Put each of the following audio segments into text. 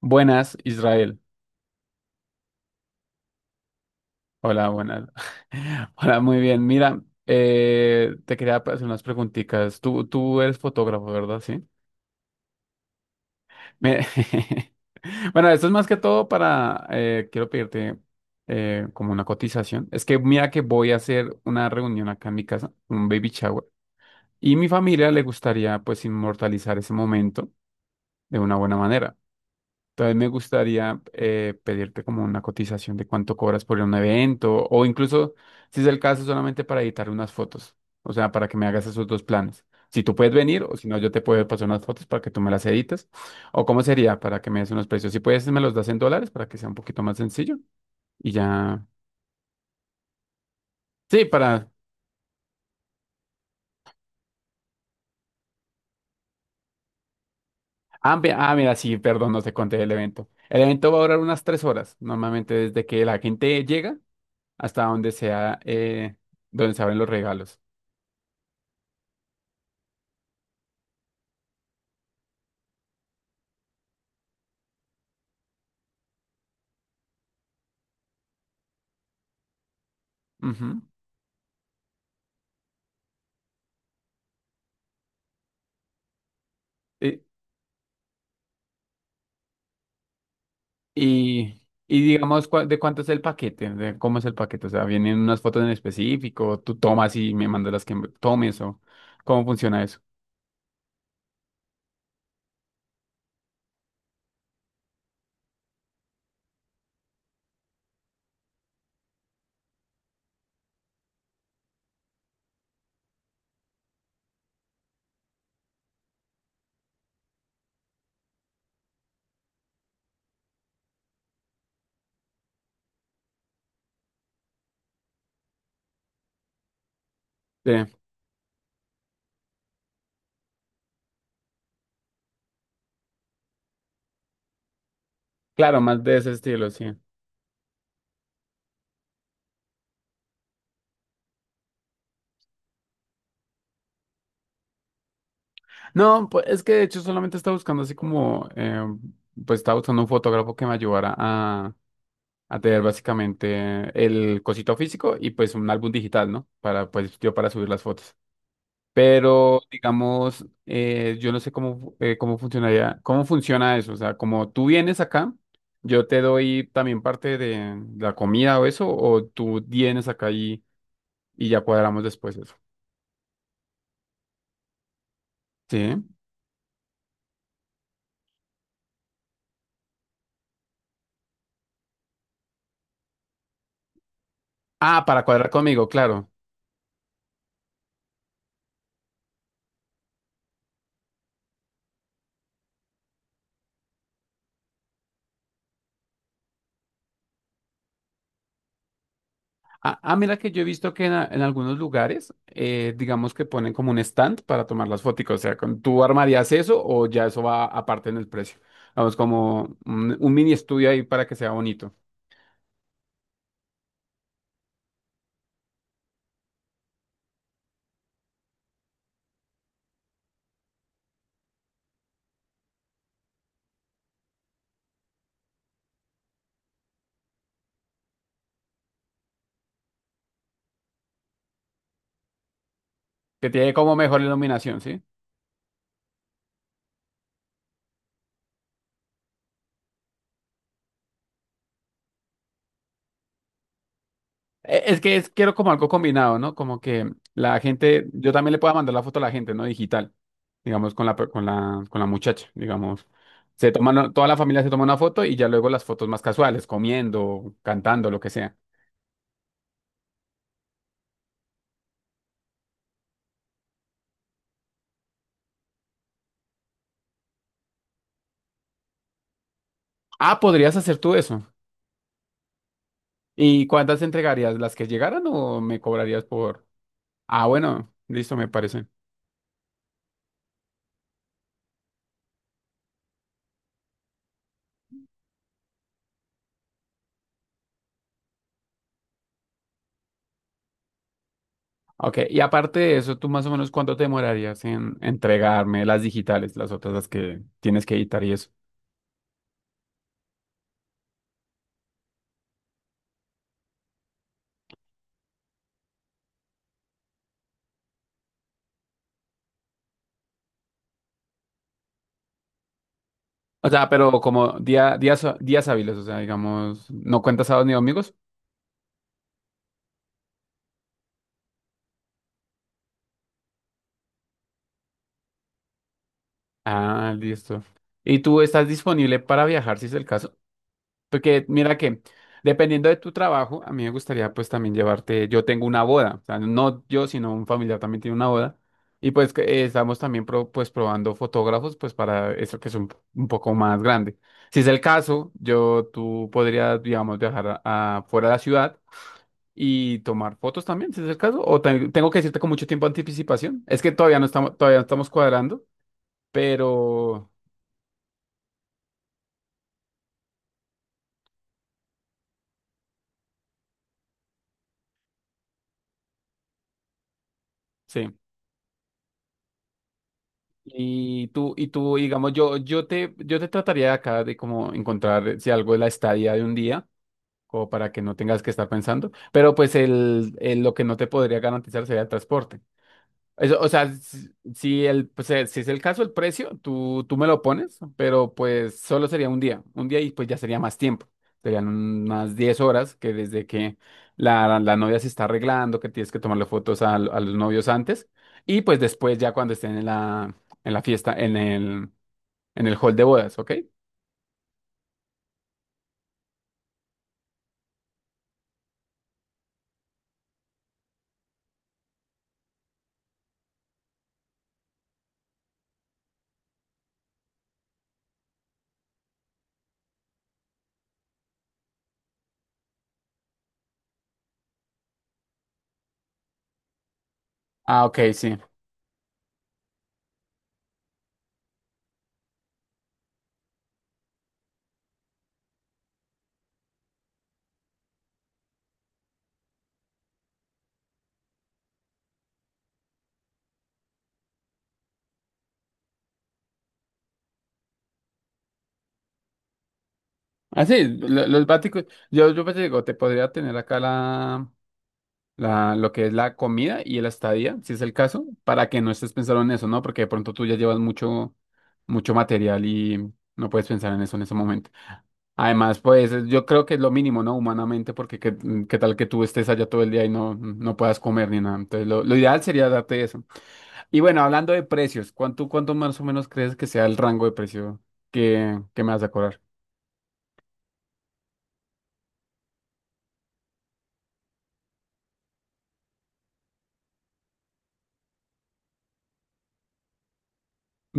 Buenas, Israel. Hola, buenas. Hola, muy bien. Mira, te quería hacer unas preguntitas. Tú eres fotógrafo, ¿verdad? Sí. Me- Bueno, esto es más que todo para, quiero pedirte como una cotización. Es que mira que voy a hacer una reunión acá en mi casa, un baby shower, y mi familia le gustaría pues inmortalizar ese momento de una buena manera. También me gustaría pedirte como una cotización de cuánto cobras por un evento o incluso, si es el caso, solamente para editar unas fotos. O sea, para que me hagas esos dos planes. Si tú puedes venir o si no, yo te puedo pasar unas fotos para que tú me las edites. O cómo sería para que me des unos precios. Si puedes, me los das en dólares para que sea un poquito más sencillo. Y ya. Sí, para... mira, sí, perdón, no te conté el evento. El evento va a durar unas tres horas, normalmente desde que la gente llega hasta donde sea, donde se abren los regalos. Ujú. Y, y digamos, ¿de cuánto es el paquete? ¿De cómo es el paquete? O sea, ¿vienen unas fotos en específico? ¿Tú tomas y me mandas las que tomes o cómo funciona eso? Sí, claro, más de ese estilo, sí. No, pues es que de hecho solamente estaba buscando así como, pues estaba buscando un fotógrafo que me ayudara a tener básicamente el cosito físico y pues un álbum digital, ¿no? Para, pues yo para subir las fotos. Pero, digamos, yo no sé cómo, cómo funcionaría, cómo funciona eso. O sea, como tú vienes acá, yo te doy también parte de la comida o eso, o tú vienes acá y ya cuadramos después eso. Sí. Ah, para cuadrar conmigo, claro. Ah, mira que yo he visto que en algunos lugares, digamos que ponen como un stand para tomar las fotos. O sea, ¿tú armarías eso o ya eso va aparte en el precio? Vamos, como un mini estudio ahí para que sea bonito. Que tiene como mejor iluminación, ¿sí? Es que es, quiero como algo combinado, ¿no? Como que la gente, yo también le pueda mandar la foto a la gente, ¿no? Digital, digamos, con con la muchacha, digamos. Se toman, toda la familia se toma una foto y ya luego las fotos más casuales, comiendo, cantando, lo que sea. Ah, podrías hacer tú eso. ¿Y cuántas entregarías? ¿Las que llegaran o me cobrarías por...? Ah, bueno, listo, me parece. Ok, y aparte de eso, ¿tú más o menos cuánto te demorarías en entregarme las digitales, las otras, las que tienes que editar y eso? O sea, pero como día, días hábiles, o sea, digamos, ¿no cuentas sábados ni domingos? Ah, listo. ¿Y tú estás disponible para viajar si es el caso? Porque mira que, dependiendo de tu trabajo, a mí me gustaría pues también llevarte, yo tengo una boda, o sea, no yo, sino un familiar también tiene una boda. Y pues que, estamos también pues probando fotógrafos pues para eso que es un poco más grande. Si es el caso, tú podrías, digamos, viajar a fuera de la ciudad y tomar fotos también, si es el caso. O tengo que decirte con mucho tiempo de anticipación. Es que todavía no estamos cuadrando, pero sí. Digamos, yo te trataría de acá de como encontrar si algo de la estadía de un día, como para que no tengas que estar pensando. Pero pues lo que no te podría garantizar sería el transporte. Eso, o sea, si pues, si es el caso, el precio, tú me lo pones, pero pues solo sería un día y pues ya sería más tiempo. Serían unas 10 horas que desde que la novia se está arreglando, que tienes que tomarle fotos a los novios antes, y pues después ya cuando estén en en la fiesta, en el hall de bodas, ¿ok? Ah, ok, sí. Ah, sí, los váticos, yo pues, digo, te podría tener acá lo que es la comida y el estadía, si es el caso, para que no estés pensando en eso, ¿no? Porque de pronto tú ya llevas mucho, mucho material y no puedes pensar en eso en ese momento. Además, yo creo que es lo mínimo, ¿no? Humanamente, porque qué, qué tal que tú estés allá todo el día y no, no puedas comer ni nada. Entonces, lo ideal sería darte eso. Y bueno, hablando de precios, ¿cuánto más o menos crees que sea el rango de precio que me vas a cobrar?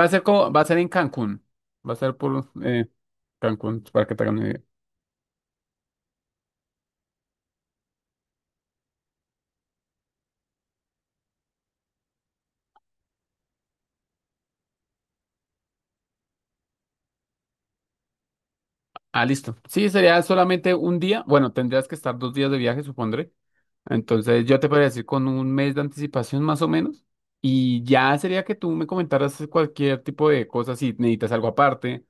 Va a ser como, va a ser en Cancún. Va a ser por Cancún, para que te hagan una idea. Ah, listo. Sí, sería solamente un día. Bueno, tendrías que estar dos días de viaje, supondré. Entonces, yo te podría decir con un mes de anticipación más o menos. Y ya sería que tú me comentaras cualquier tipo de cosas, si necesitas algo aparte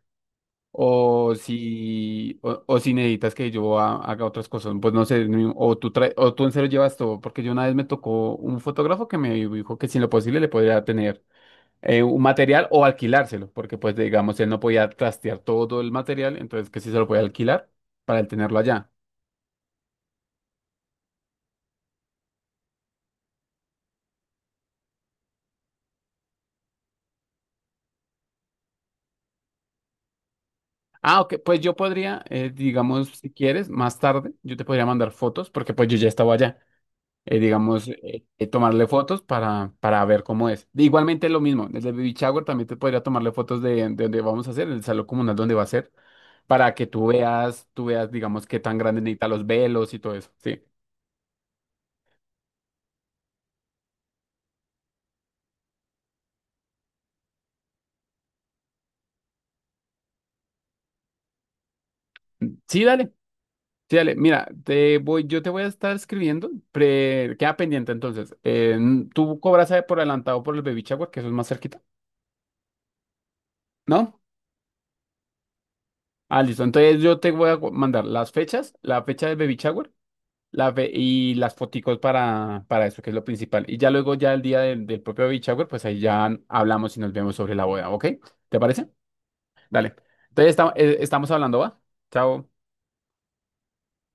o si, o si necesitas que yo haga otras cosas. Pues no sé, o tú en serio llevas todo, porque yo una vez me tocó un fotógrafo que me dijo que si en lo posible le podría tener un material o alquilárselo, porque pues digamos él no podía trastear todo el material, entonces que sí se lo podía alquilar para él tenerlo allá. Ah, ok, pues yo podría, digamos, si quieres, más tarde, yo te podría mandar fotos, porque pues yo ya estaba allá, tomarle fotos para ver cómo es. Igualmente lo mismo, desde el baby shower también te podría tomarle fotos de donde vamos a hacer, el salón comunal donde va a ser, para que tú veas, digamos, qué tan grande necesita los velos y todo eso, sí. Sí, dale. Sí, dale, mira, yo te voy a estar escribiendo, queda pendiente entonces. Tú cobras por adelantado por el baby shower, que eso es más cerquita, ¿no? Ah, listo. Entonces yo te voy a mandar las fechas, la fecha del baby shower, y las foticos para eso, que es lo principal. Y ya luego, ya el día del propio baby shower, pues ahí ya hablamos y nos vemos sobre la boda, ¿ok? ¿Te parece? Dale. Entonces estamos hablando, ¿va? Chao.